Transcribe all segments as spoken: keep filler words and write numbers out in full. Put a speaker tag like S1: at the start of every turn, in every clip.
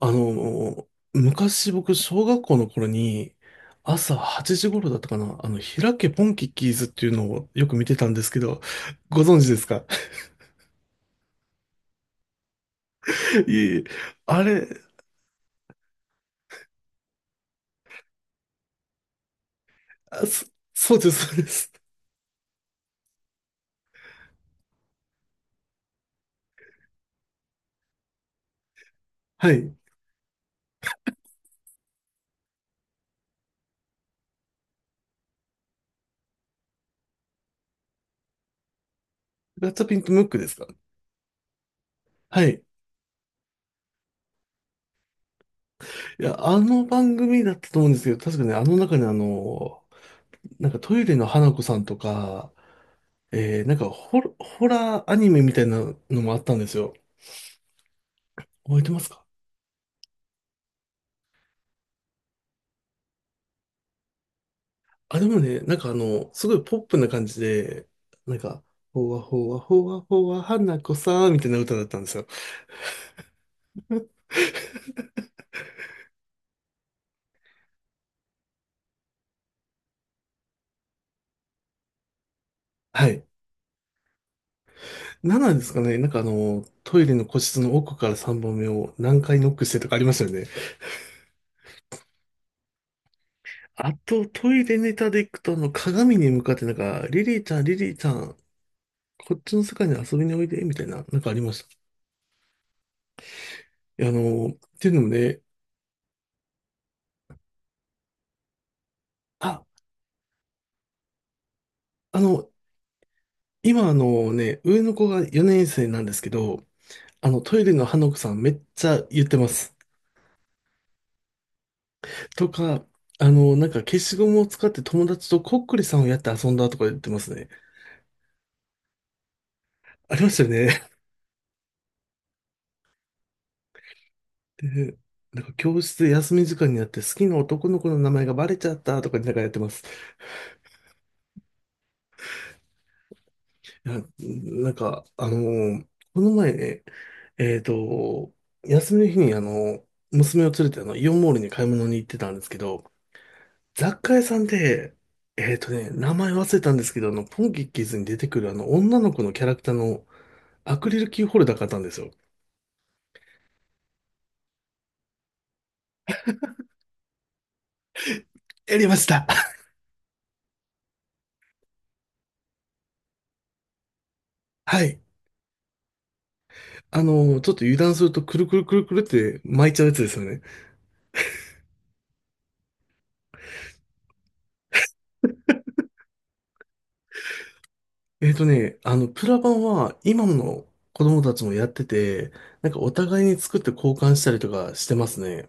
S1: あの、昔僕、小学校の頃に、朝はちじ頃だったかな、あの、開けポンキッキーズっていうのをよく見てたんですけど、ご存知ですか？ いえいえ、あれ、あ、そ、そうです、そうです。はい。ガチャピンとムックですか？はい。いや、あの番組だったと思うんですけど、確かね、あの中にあの、なんかトイレの花子さんとか、えー、なんかホロ、ホラーアニメみたいなのもあったんですよ。覚えてますか？あ、でもね、なんかあの、すごいポップな感じで、なんか、ほわほわほわほわ花子さんみたいな歌だったんですよ。はい。何なんですかね、なんかあの、トイレの個室の奥からさんばんめを何回ノックしてとかありましたよね。あと、トイレネタでいくと、あの、鏡に向かってなんか、リリーちゃん、リリーちゃん、こっちの世界に遊びにおいで、みたいな、なんかありました。いやあの、っていうのもね、あ、あの、今あのね、上の子がよねん生なんですけど、あの、トイレの花子さんめっちゃ言ってます。とか、あの、なんか消しゴムを使って友達とこっくりさんをやって遊んだとか言ってますね。ありましたよね。で、なんか教室で休み時間になって好きな男の子の名前がバレちゃったとかなんかやってます。いや、なんか、あのーこの前ね、えっと、休みの日にあの、娘を連れてあの、イオンモールに買い物に行ってたんですけど、雑貨屋さんで、えっとね、名前忘れたんですけど、あの、ポンキッキーズに出てくるあの、女の子のキャラクターのアクリルキーホルダー買ったんですよ。やりました。はい。あの、ちょっと油断するとくるくるくるくるって巻いちゃうやつですよね。えっとね、あの、プラ版は今の子供たちもやってて、なんかお互いに作って交換したりとかしてますね。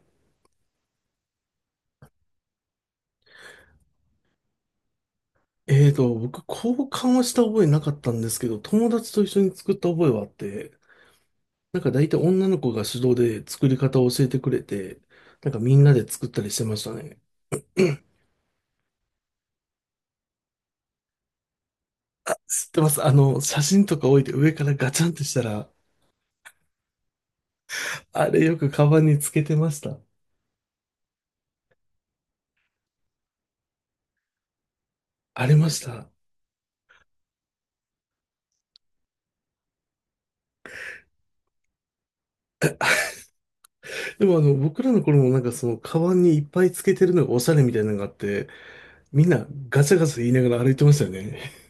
S1: えっと、僕交換はした覚えなかったんですけど、友達と一緒に作った覚えはあって、なんか大体女の子が主導で作り方を教えてくれて、なんかみんなで作ったりしてましたね。知ってます。あの、写真とか置いて上からガチャンってしたら、あれよくカバンにつけてました。ありました。でもあの、僕らの頃もなんかその、カバンにいっぱいつけてるのがおしゃれみたいなのがあって、みんなガチャガチャ言いながら歩いてましたよね。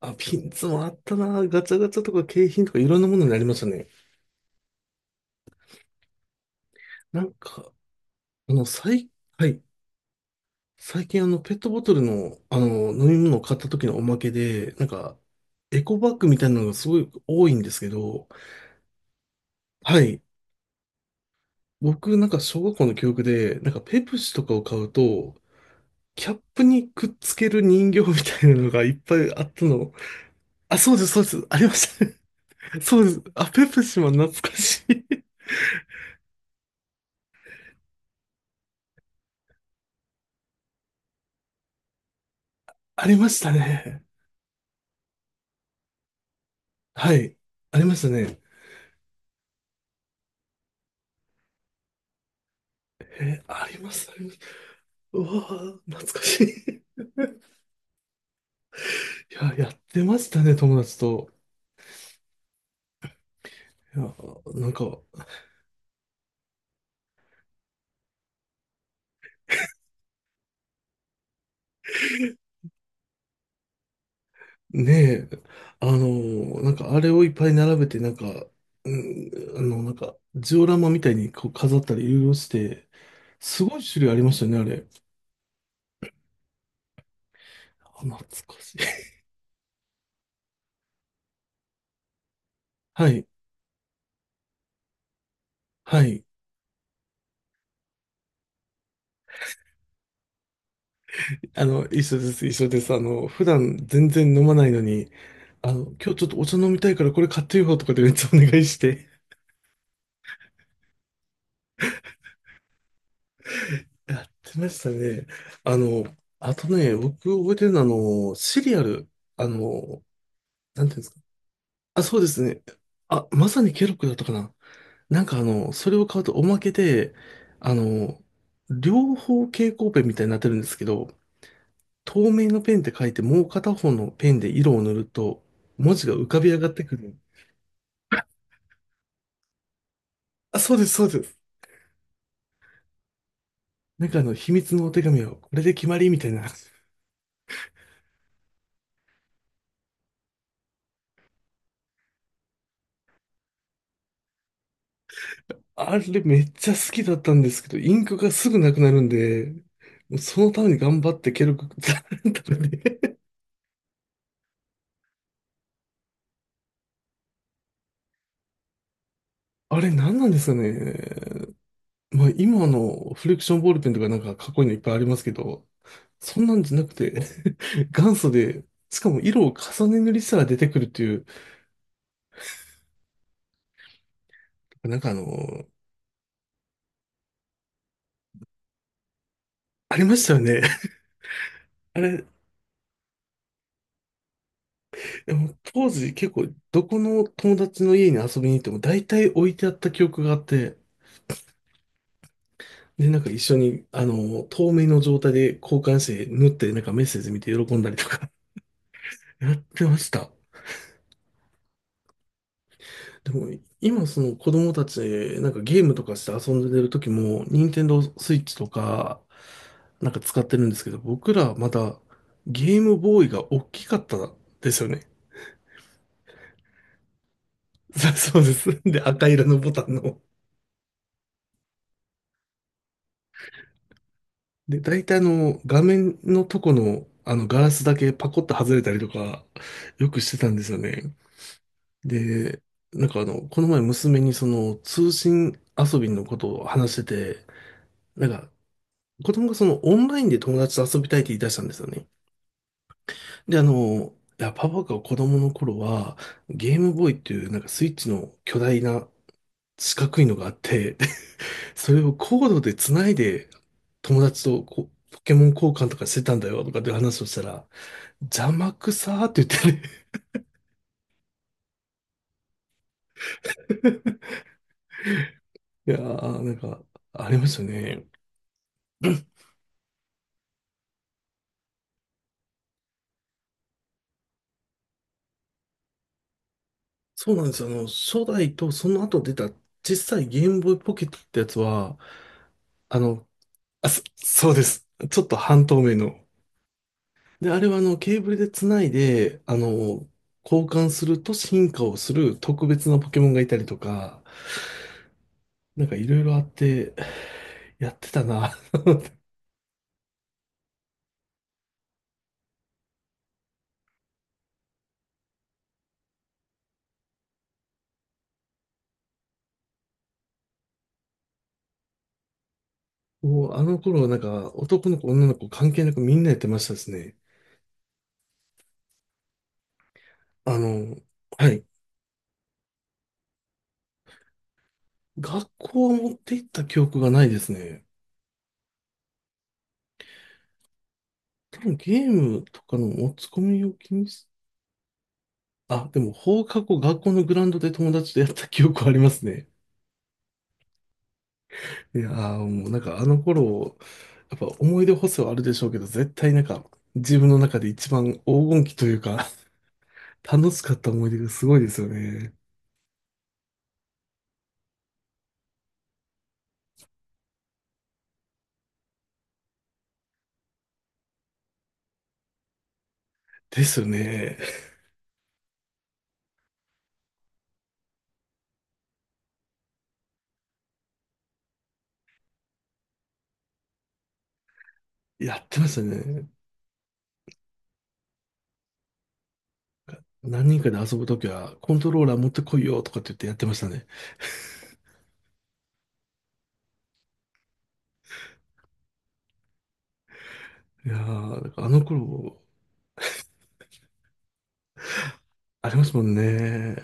S1: あ、ピンツもあったな。ガチャガチャとか景品とかいろんなものになりましたね。なんか、あの、最、はい。最近あの、ペットボトルの、あの、飲み物を買った時のおまけで、なんか、エコバッグみたいなのがすごい多いんですけど、はい。僕なんか小学校の記憶で、なんかペプシとかを買うと、キャップにくっつける人形みたいなのがいっぱいあったの。あ、そうです、そうです。ありましたね。そうです。あ、ペプシマン懐かしい。ありましたね。はい。ありましたね。え、あります、あります。うわぁ、懐かしい。いや、やってましたね、友達と。いや、なんか、ねえ、あのー、なんかあれをいっぱい並べて、なんか、うん、あの、なんか、ジオラマみたいにこう飾ったりいろいろして、すごい種類ありましたね、あれ。あ、懐かしい。はい、はい。あの、一緒です、一緒です。あの、普段全然飲まないのに、あの、今日ちょっとお茶飲みたいからこれ買ってよとかでめっちゃお願いしてやってましたね。あの、あとね、僕覚えてるのは、あの、シリアル、あの、なんていうんですか。あ、そうですね。あ、まさにケロッグだったかな。なんかあの、それを買うとおまけで、あの、両方蛍光ペンみたいになってるんですけど、透明のペンって書いて、もう片方のペンで色を塗ると、文字が浮かび上がってくる。あ、そうです、そうです。なんかあの、秘密のお手紙は、これで決まりみたいな。あれめっちゃ好きだったんですけど、インクがすぐなくなるんで、もうそのために頑張ってケルク、あれ何なんですかね。まあ今のフリクションボールペンとかなんかかっこいいのいっぱいありますけど、そんなんじゃなくて、元祖で、しかも色を重ね塗りしたら出てくるっていう、なんかあの、ありましたよね。あれ、でも当時結構どこの友達の家に遊びに行っても大体置いてあった記憶があって、で、なんか一緒に、あの、透明の状態で交換して縫ってなんかメッセージ見て喜んだりとか やってました。でも今その子供たちなんかゲームとかして遊んでる時も、任天堂スイッチとかなんか使ってるんですけど、僕らまだゲームボーイが大きかったですよね。そうです。で、赤色のボタンの。で、大体あの、画面のとこの、あの、ガラスだけパコッと外れたりとか、よくしてたんですよね。で、なんかあの、この前娘にその、通信遊びのことを話してて、なんか、子供がその、オンラインで友達と遊びたいって言い出したんですよね。で、あの、いや、パパが子供の頃は、ゲームボーイっていう、なんかスイッチの巨大な四角いのがあって、それをコードで繋いで、友達とこうポケモン交換とかしてたんだよとかって話をしたら、邪魔くさーって言ってね いやー、なんか、ありましたね。そうなんですよ。あの、初代とその後出た小さいゲームボーイポケットってやつは、あの、あ、そ、そうです。ちょっと半透明の。で、あれはあの、ケーブルで繋いで、あの、交換すると進化をする特別なポケモンがいたりとか、なんかいろいろあって、やってたな。もうあの頃はなんか、男の子、女の子関係なくみんなやってましたですね。あの、はい。学校は持って行った記憶がないですね。多分ゲームとかの持ち込みを気にし、あ、でも放課後学校のグラウンドで友達とやった記憶はありますね。いやーもうなんかあの頃、やっぱ思い出補正はあるでしょうけど、絶対なんか自分の中で一番黄金期というか、楽しかった思い出がすごいですよね。ですよね。やってましたね。何人かで遊ぶときは、コントローラー持ってこいよとかって言ってやってましたね。いやー、だからあの頃、ありますもんね。